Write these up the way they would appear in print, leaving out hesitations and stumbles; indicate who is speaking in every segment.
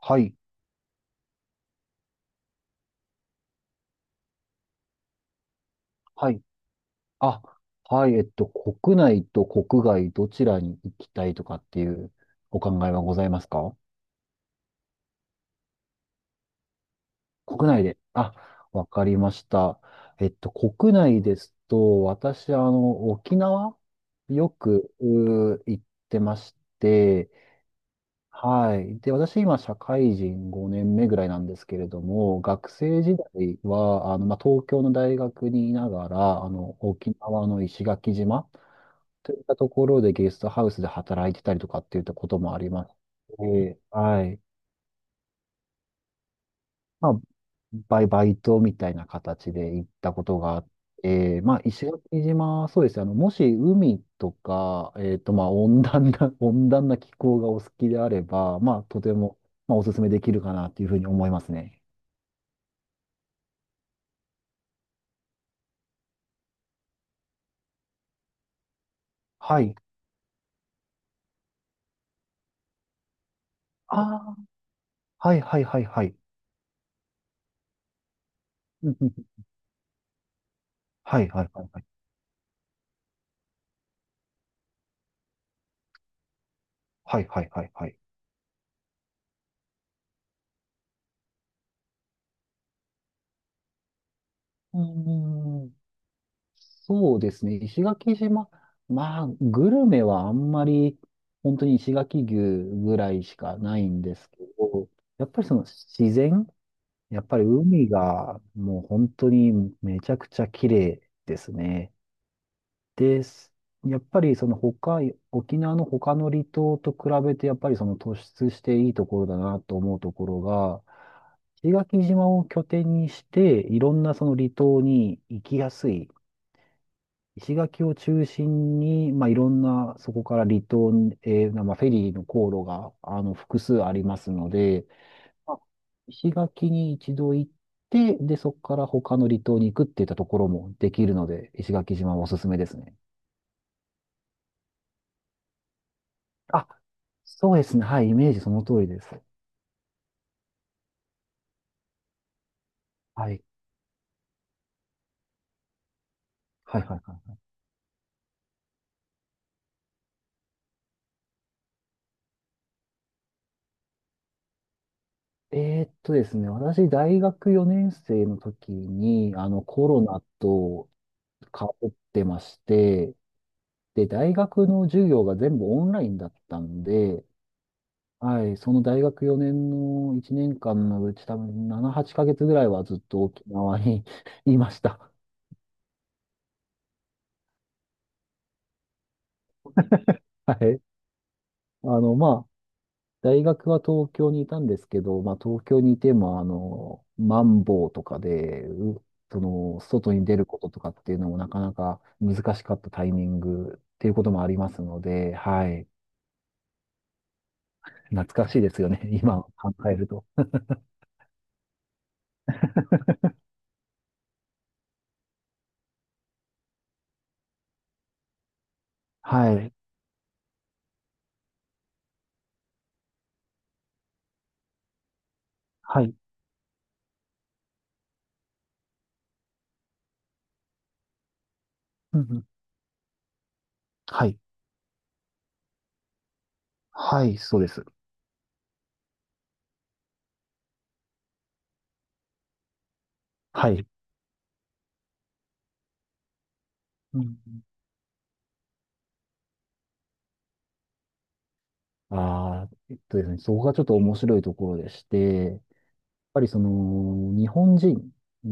Speaker 1: はい、はい。あ、はい、国内と国外どちらに行きたいとかっていうお考えはございますか？国内で。あ、わかりました。国内ですと、私、沖縄よく行ってまして、はい。で、私、今、社会人5年目ぐらいなんですけれども、学生時代は、まあ、東京の大学にいながら、沖縄の石垣島といったところでゲストハウスで働いてたりとかっていったこともありますし、はい。まあ、バイトみたいな形で行ったことがあって、まあ、石垣島、そうですね。もし海とか、まあ、温暖な、温暖な気候がお好きであれば、まあ、とても、まあ、お勧めできるかなというふうに思いますね。はい。ああ、はいはいはいはい。うんうん、はいはいはいはい。はいはいはいはい。うんうんうん、そうですね。石垣島。まあ、グルメはあんまり、本当に石垣牛ぐらいしかないんですけど、やっぱりその自然、やっぱり海がもう本当にめちゃくちゃ綺麗ですね。で、やっぱりその他、沖縄の他の離島と比べて、やっぱりその突出していいところだなと思うところが、石垣島を拠点にして、いろんなその離島に行きやすい。石垣を中心に、まあ、いろんな、そこから離島、まあ、フェリーの航路が、複数ありますので、まあ石垣に一度行って、で、そこから他の離島に行くっていったところもできるので、石垣島はおすすめですね。あ、そうですね。はい、イメージその通りです。はい。はい、はい、はい。ですね、私、大学4年生の時に、コロナとかってまして、で、大学の授業が全部オンラインだったんで、はい、その大学4年の1年間のうち多分7、8ヶ月ぐらいはずっと沖縄に いました。はい。まあ、大学は東京にいたんですけど、まあ、東京にいても、マンボウとかで、うその、外に出ることとかっていうのもなかなか難しかったタイミングっていうこともありますので、はい。懐かしいですよね、今考えると。はい。はい。うん、はい。はい、そうです。はい。うん。ああ、ですね、そこがちょっと面白いところでして、やっぱり日本人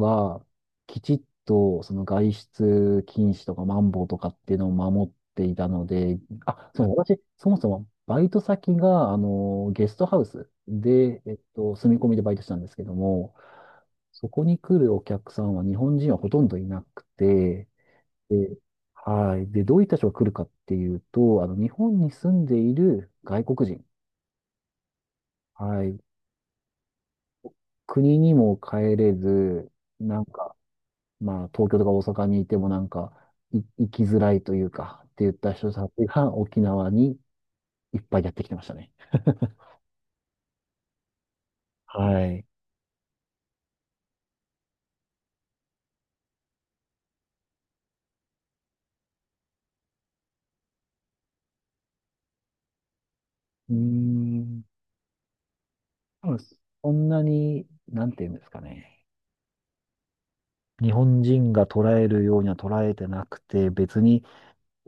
Speaker 1: は、きちっと、その外出禁止とか、マンボウとかっていうのを守っていたので、あ、そう、私、そもそも、バイト先が、ゲストハウスで、住み込みでバイトしたんですけども、そこに来るお客さんは日本人はほとんどいなくて、で、はい。で、どういった人が来るかっていうと、日本に住んでいる外国人。はい。国にも帰れず、なんか、まあ、東京とか大阪にいてもなんか、行きづらいというか、って言った人たちが沖縄にいっぱいやってきてましたね。はい。うーん。多分そんなに、なんていうんですかね。日本人が捉えるようには捉えてなくて、別に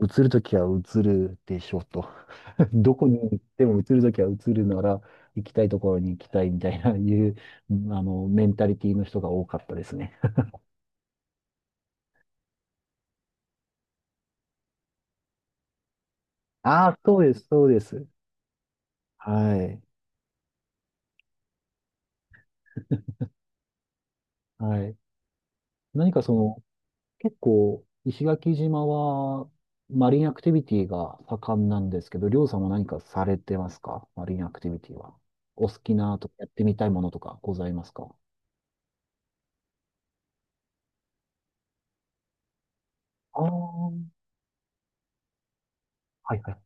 Speaker 1: 映るときは映るでしょうと。どこに行っても移るときは移るなら、行きたいところに行きたいみたいな、いう、メンタリティの人が多かったですね。ああ、そうです、そうです。はい。はい。何か結構、石垣島は、マリンアクティビティが盛んなんですけど、りょうさんも何かされてますか？マリンアクティビティは。お好きなとか、やってみたいものとかございますか？ああー、はいはい。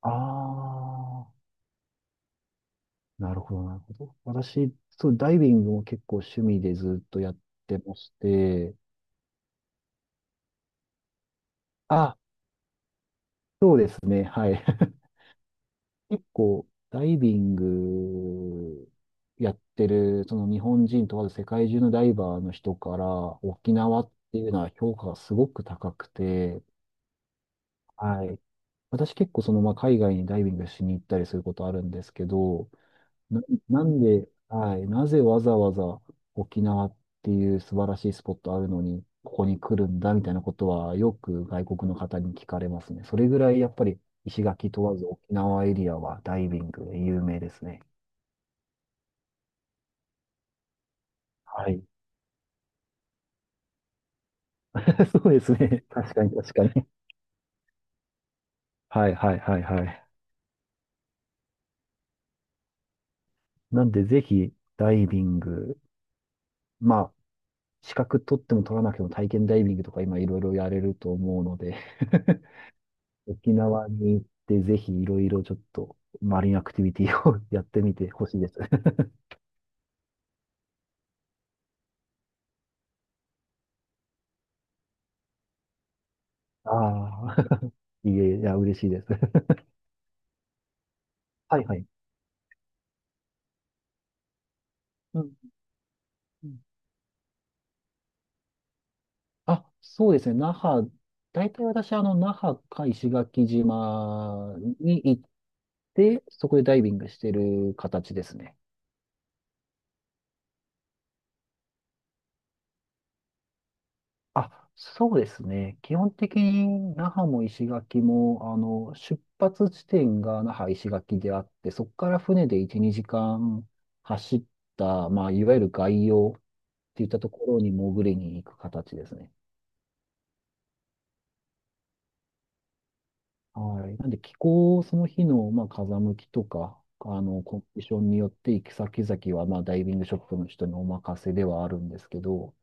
Speaker 1: ああ。なるほど、なるほど。私、そう、ダイビングも結構趣味でずっとやってまして、あ、そうですね、はい。結構、ダイビングやってる、その日本人問わず世界中のダイバーの人から、沖縄っていうのは評価がすごく高くて、はい。私結構まあ、海外にダイビングしに行ったりすることあるんですけど、な、なんで、はい、なぜわざわざ沖縄っていう素晴らしいスポットあるのに、ここに来るんだみたいなことはよく外国の方に聞かれますね。それぐらいやっぱり石垣問わず沖縄エリアはダイビングで有名ですね。はい。そうですね。確かに確かに。はいはいはいはい。なんでぜひダイビング、まあ、資格取っても取らなくても体験ダイビングとか今いろいろやれると思うので沖縄に行って、ぜひいろいろちょっとマリンアクティビティを やってみてほしいです。ああ、いえいえ、いや、嬉しいです。はいはい。うんうん、あ、そうですね。那覇、大体私、那覇か石垣島に行って、そこでダイビングしてる形ですね。あ、そうですね。基本的に那覇も石垣も、出発地点が那覇石垣であって、そこから船で1、2時間走った、まあ、いわゆる外洋っていったところに潜りに行く形ですね。はい。なんで気候、その日の、まあ、風向きとか、コンディションによって行き先々は、まあ、ダイビングショップの人にお任せではあるんですけど、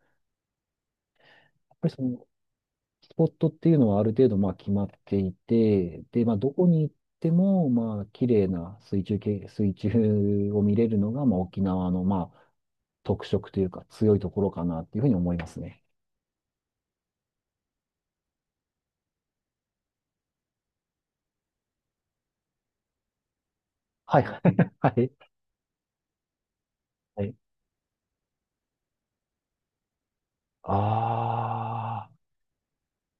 Speaker 1: やっぱりそのスポットっていうのはある程度まあ決まっていて、で、まあどこに行ってもまあ綺麗な水中を見れるのがまあ沖縄のまあ特色というか強いところかなっていうふうに思いますね。はいはい。はい。はい、あ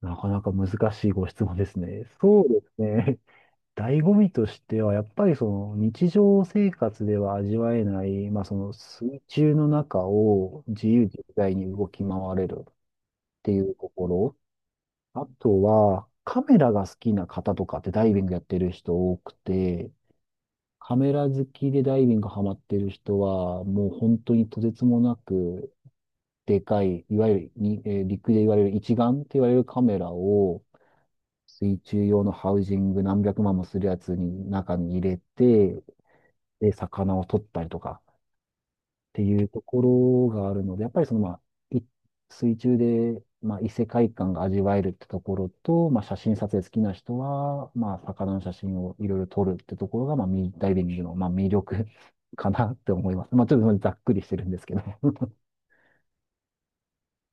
Speaker 1: あ、なかなか難しいご質問ですね。そうですね。醍醐味としては、やっぱりその日常生活では味わえない、まあその水中の中を自由自在に動き回れる。っていうところ。あとは、カメラが好きな方とかってダイビングやってる人多くて、カメラ好きでダイビングハマってる人は、もう本当にとてつもなくでかい、いわゆるに、陸で言われる一眼って言われるカメラを、水中用のハウジング何百万もするやつに中に入れて、で、魚を取ったりとかっていうところがあるので、やっぱりまあ、い水中で、まあ、異世界観が味わえるってところと、まあ、写真撮影好きな人は、まあ、魚の写真をいろいろ撮るってところが、まあ、ダイビングの、まあ、魅力 かなって思います。まあ、ちょっとざっくりしてるんですけど。